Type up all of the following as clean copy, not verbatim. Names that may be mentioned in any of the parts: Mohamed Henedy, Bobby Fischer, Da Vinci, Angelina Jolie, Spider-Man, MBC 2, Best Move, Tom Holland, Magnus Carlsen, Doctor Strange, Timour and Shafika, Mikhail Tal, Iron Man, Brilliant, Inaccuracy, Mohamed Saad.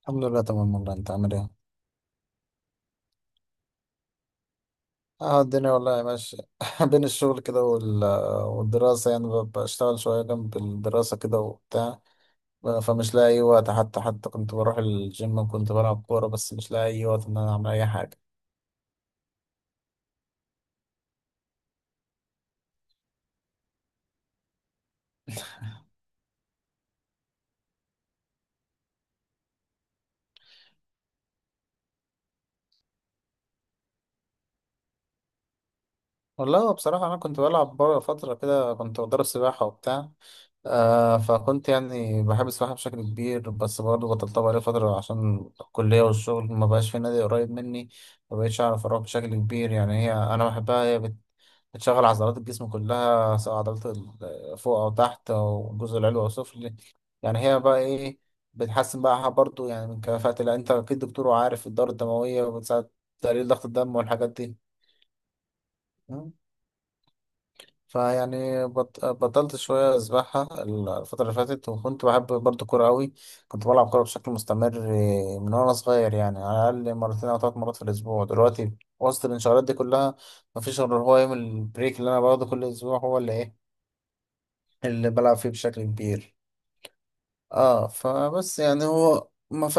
الحمد لله تمام، والله انت عامل ايه؟ اه الدنيا والله ماشية بين الشغل كده والدراسة، يعني بشتغل شوية جنب الدراسة كده وبتاع. فمش لاقي أي وقت. حتى كنت بروح الجيم وكنت بلعب كورة، بس مش لاقي أي وقت إن أنا أعمل أي حاجة. والله هو بصراحة أنا كنت بلعب بره فترة كده، كنت بدرب سباحة وبتاع. فكنت يعني بحب السباحة بشكل كبير، بس برضه بطلت بقالي فترة عشان الكلية والشغل، ما بقاش في نادي قريب مني، ما بقتش أعرف أروح بشكل كبير. يعني هي أنا بحبها، هي بتشغل عضلات الجسم كلها، سواء عضلات فوق أو تحت، أو الجزء العلوي أو السفلي. يعني هي بقى إيه، بتحسن بقى برضه يعني من كفاءة، لا أنت أكيد دكتور وعارف، الدورة الدموية، وبتساعد تقليل ضغط الدم والحاجات دي. فيعني بطلت شوية أسبحها الفترة اللي فاتت. وكنت بحب برضه كورة أوي، كنت بلعب كورة بشكل مستمر من وأنا صغير، يعني على الأقل مرتين أو ثلاث مرات في الأسبوع. دلوقتي وسط الانشغالات دي كلها مفيش غير هو يوم البريك اللي أنا باخده كل أسبوع، هو اللي إيه، اللي بلعب فيه بشكل كبير. اه فبس يعني هو ما ف...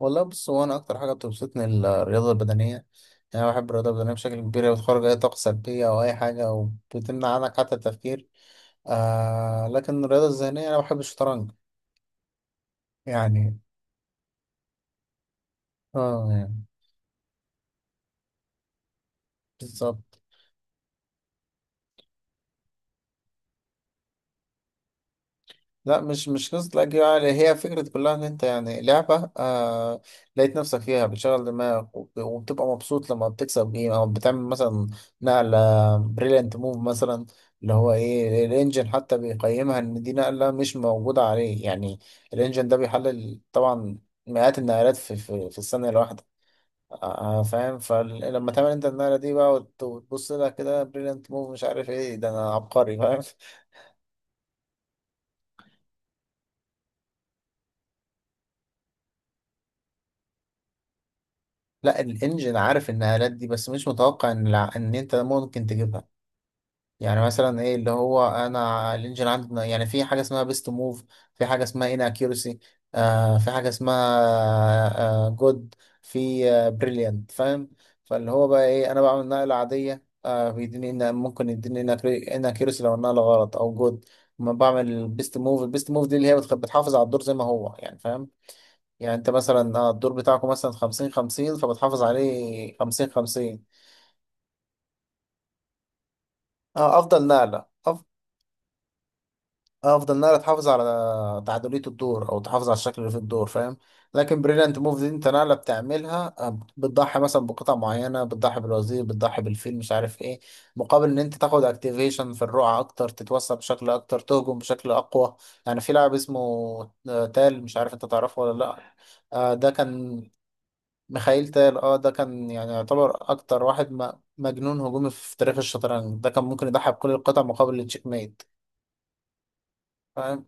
والله بص، هو انا اكتر حاجه بتبسطني الرياضه البدنيه. يعني انا بحب الرياضه البدنيه بشكل كبير، هي بتخرج اي طاقه سلبيه او اي حاجه، وبتمنع عنك حتى التفكير. لكن الرياضه الذهنيه، انا بحب الشطرنج. يعني اه يعني بالظبط. لا، مش قصة الأجيال، يعني هي فكرة كلها إن أنت يعني لعبة لقيت نفسك فيها بتشغل دماغك، وبتبقى مبسوط لما بتكسب جيم، أو بتعمل مثلا نقلة بريليانت موف مثلا، اللي هو إيه، الإنجن حتى بيقيمها إن دي نقلة مش موجودة عليه. يعني الإنجن ده بيحلل طبعا مئات النقلات في الثانية الواحدة. فاهم، فلما تعمل أنت النقلة دي بقى، وتبص لها كده، بريليانت موف، مش عارف إيه، ده أنا عبقري، فاهم. لا، الانجن عارف النقلات دي، بس مش متوقع ان انت ممكن تجيبها. يعني مثلا ايه اللي هو، انا الانجن عندنا يعني في حاجه اسمها بيست موف، في حاجه اسمها ان اكيورسي، في حاجه اسمها جود، في بريليانت، فاهم. فاللي هو بقى ايه، انا بعمل نقله عاديه، بيديني إن ممكن يديني ان اكيورسي لو النقله غلط، او جود ما بعمل بيست موف. البيست موف دي اللي هي بتحافظ على الدور زي ما هو، يعني فاهم. يعني انت مثلا، الدور بتاعكم مثلا 50 50، فبتحافظ عليه 50 50. اه افضل نقله أف... افضل نقله تحافظ على تعادليه الدور، او تحافظ على الشكل اللي في الدور، فاهم. لكن بريليانت موف دي انت نقله بتعملها، بتضحي مثلا بقطع معينه، بتضحي بالوزير، بتضحي بالفيل، مش عارف ايه، مقابل ان انت تاخد اكتيفيشن في الرقعه اكتر، تتوسع بشكل اكتر، تهجم بشكل اقوى. يعني في لاعب اسمه تال، مش عارف انت تعرفه ولا لا، ده كان ميخائيل تال، ده كان يعني يعتبر اكتر واحد مجنون هجومي في تاريخ الشطرنج. ده كان ممكن يضحي بكل القطع مقابل التشيك ميت، فاهم.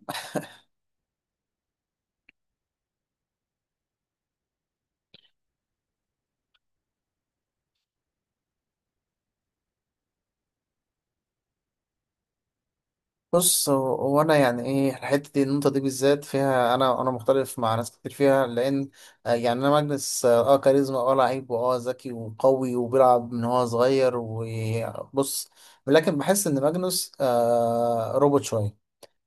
بص هو، انا يعني ايه الحته دي، النقطه دي بالذات فيها انا، مختلف مع ناس كتير فيها، لان يعني انا ماجنس، كاريزما، لعيب، واه ذكي وقوي وبيلعب من هو صغير، وبص، لكن بحس ان ماجنس روبوت شويه.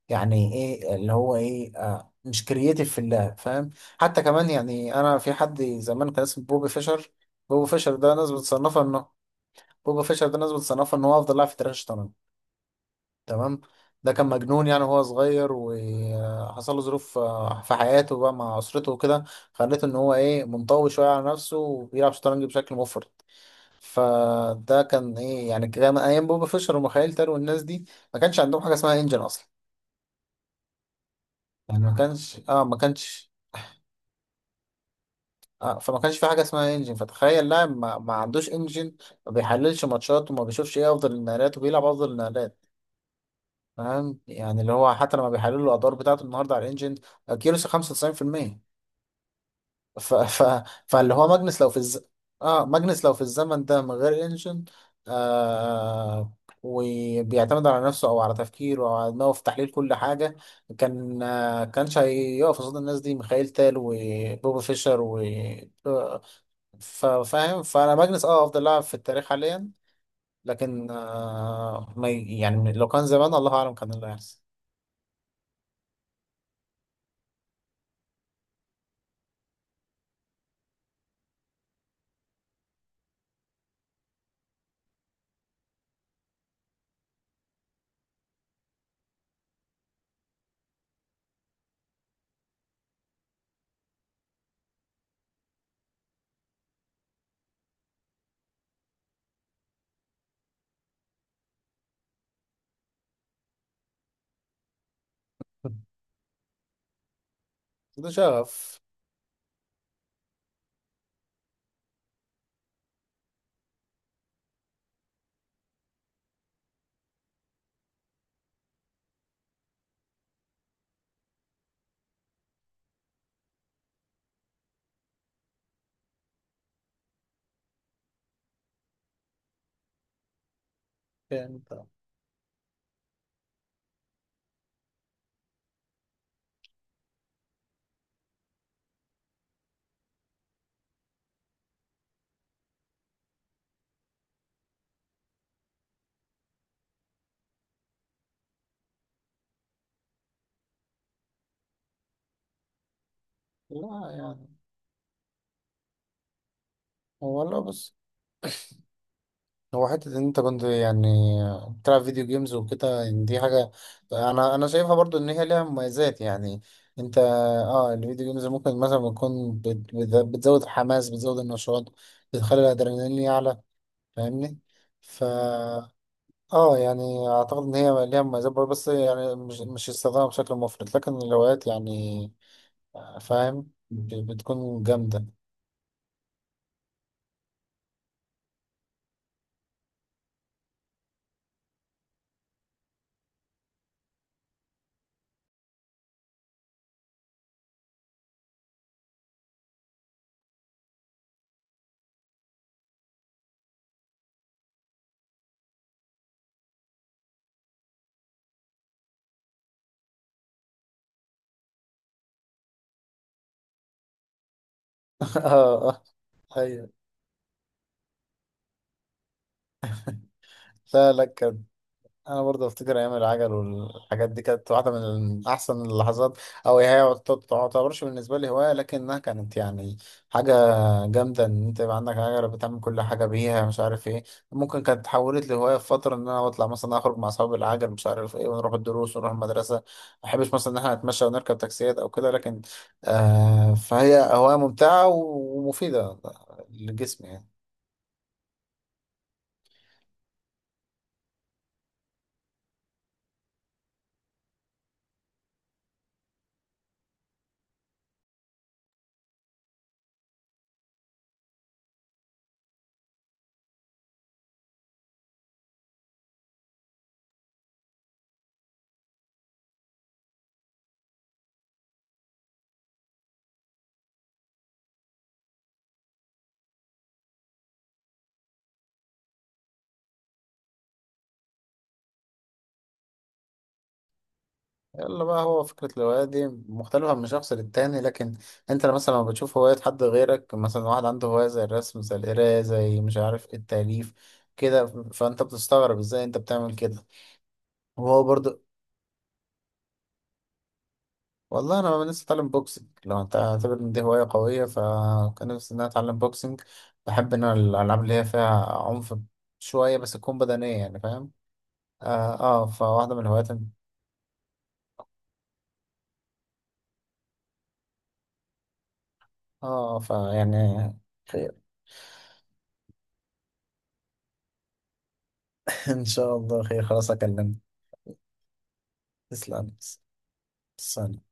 يعني ايه اللي هو ايه، مش كرييتيف في اللعب، فاهم. حتى كمان، يعني انا في حد زمان كان اسمه بوبي فيشر. بوبي فيشر ده ناس بتصنفه انه بوبي فيشر ده ناس بتصنفه ان هو افضل لاعب في تاريخ الشطرنج، تمام. ده كان مجنون يعني وهو صغير، وحصل له ظروف في حياته بقى مع اسرته وكده، خلته ان هو ايه، منطوي شويه على نفسه، وبيلعب شطرنج بشكل مفرط. فده كان ايه، يعني كان ايام بوبي فيشر وميخائيل تال والناس دي ما كانش عندهم حاجه اسمها انجن اصلا. يعني ما كانش اه ما كانش آه، فما كانش في حاجه اسمها انجن. فتخيل لاعب ما عندوش انجن، ما بيحللش ماتشات، وما بيشوفش ايه افضل النقلات، وبيلعب افضل النقلات، فاهم. يعني اللي هو حتى لما بيحللوا الادوار بتاعته النهارده على الانجن، كيروس 95%. ف... ف... فاللي هو ماجنس لو في الز... اه ماجنس لو في الزمن ده من غير انجن، آه وبيعتمد على نفسه، او على تفكيره، او على دماغه في تحليل كل حاجه، كان كانش هيقف قصاد الناس دي، ميخائيل تال وبوبا فيشر، و آه، فاهم. فانا ماجنس افضل لاعب في التاريخ حاليا، لكن آه ما ي- يعني لو كان زمان، الله اعلم كان اللي هيحصل. ده شغف. يعني انت. لا يعني، هو والله بص، هو حتة إن أنت كنت يعني بتلعب فيديو جيمز وكده، يعني دي حاجة أنا شايفها برضو إن هي ليها مميزات. يعني أنت الفيديو جيمز ممكن مثلا تكون بتزود الحماس، بتزود النشاط، بتخلي الأدرينالين يعلى، فاهمني؟ ف اه يعني اعتقد ان هي ليها مميزات برضه، بس يعني مش استخدامها بشكل مفرط، لكن الروايات يعني فاهم، بتكون جامدة. اه، اه، ايوه. لا لا، كانت، انا برضه افتكر ايام العجل والحاجات دي كانت واحده من احسن اللحظات، او هي ما تعتبرش بالنسبه لي هوايه، لكنها كانت يعني حاجه جامده، ان انت يبقى عندك عجله بتعمل كل حاجه بيها، مش عارف ايه. ممكن كانت اتحولت لهوايه في فتره، ان انا بطلع مثلا اخرج مع اصحابي العجل، مش عارف ايه، ونروح الدروس، ونروح المدرسه. ما بحبش مثلا ان احنا نتمشى ونركب تاكسيات او كده، لكن فهي هوايه ممتعه ومفيده للجسم يعني. يلا بقى، هو فكرة الهواية دي مختلفة من شخص للتاني، لكن انت مثلا لما بتشوف هواية حد غيرك، مثلا واحد عنده هواية زي الرسم، زي القراية، زي مش عارف ايه، التأليف كده، فانت بتستغرب ازاي انت بتعمل كده، وهو برضه. والله انا لسه اتعلم بوكسنج، لو انت اعتبر ان دي هواية قوية، فكان نفسي ان انا اتعلم بوكسنج. بحب ان انا الالعاب اللي هي فيها عنف شوية، بس تكون بدنية، يعني فاهم. فواحدة من الهوايات. اه فيعني خير. ان شاء الله خير، خلاص اكلمك. تسلم. ثانية.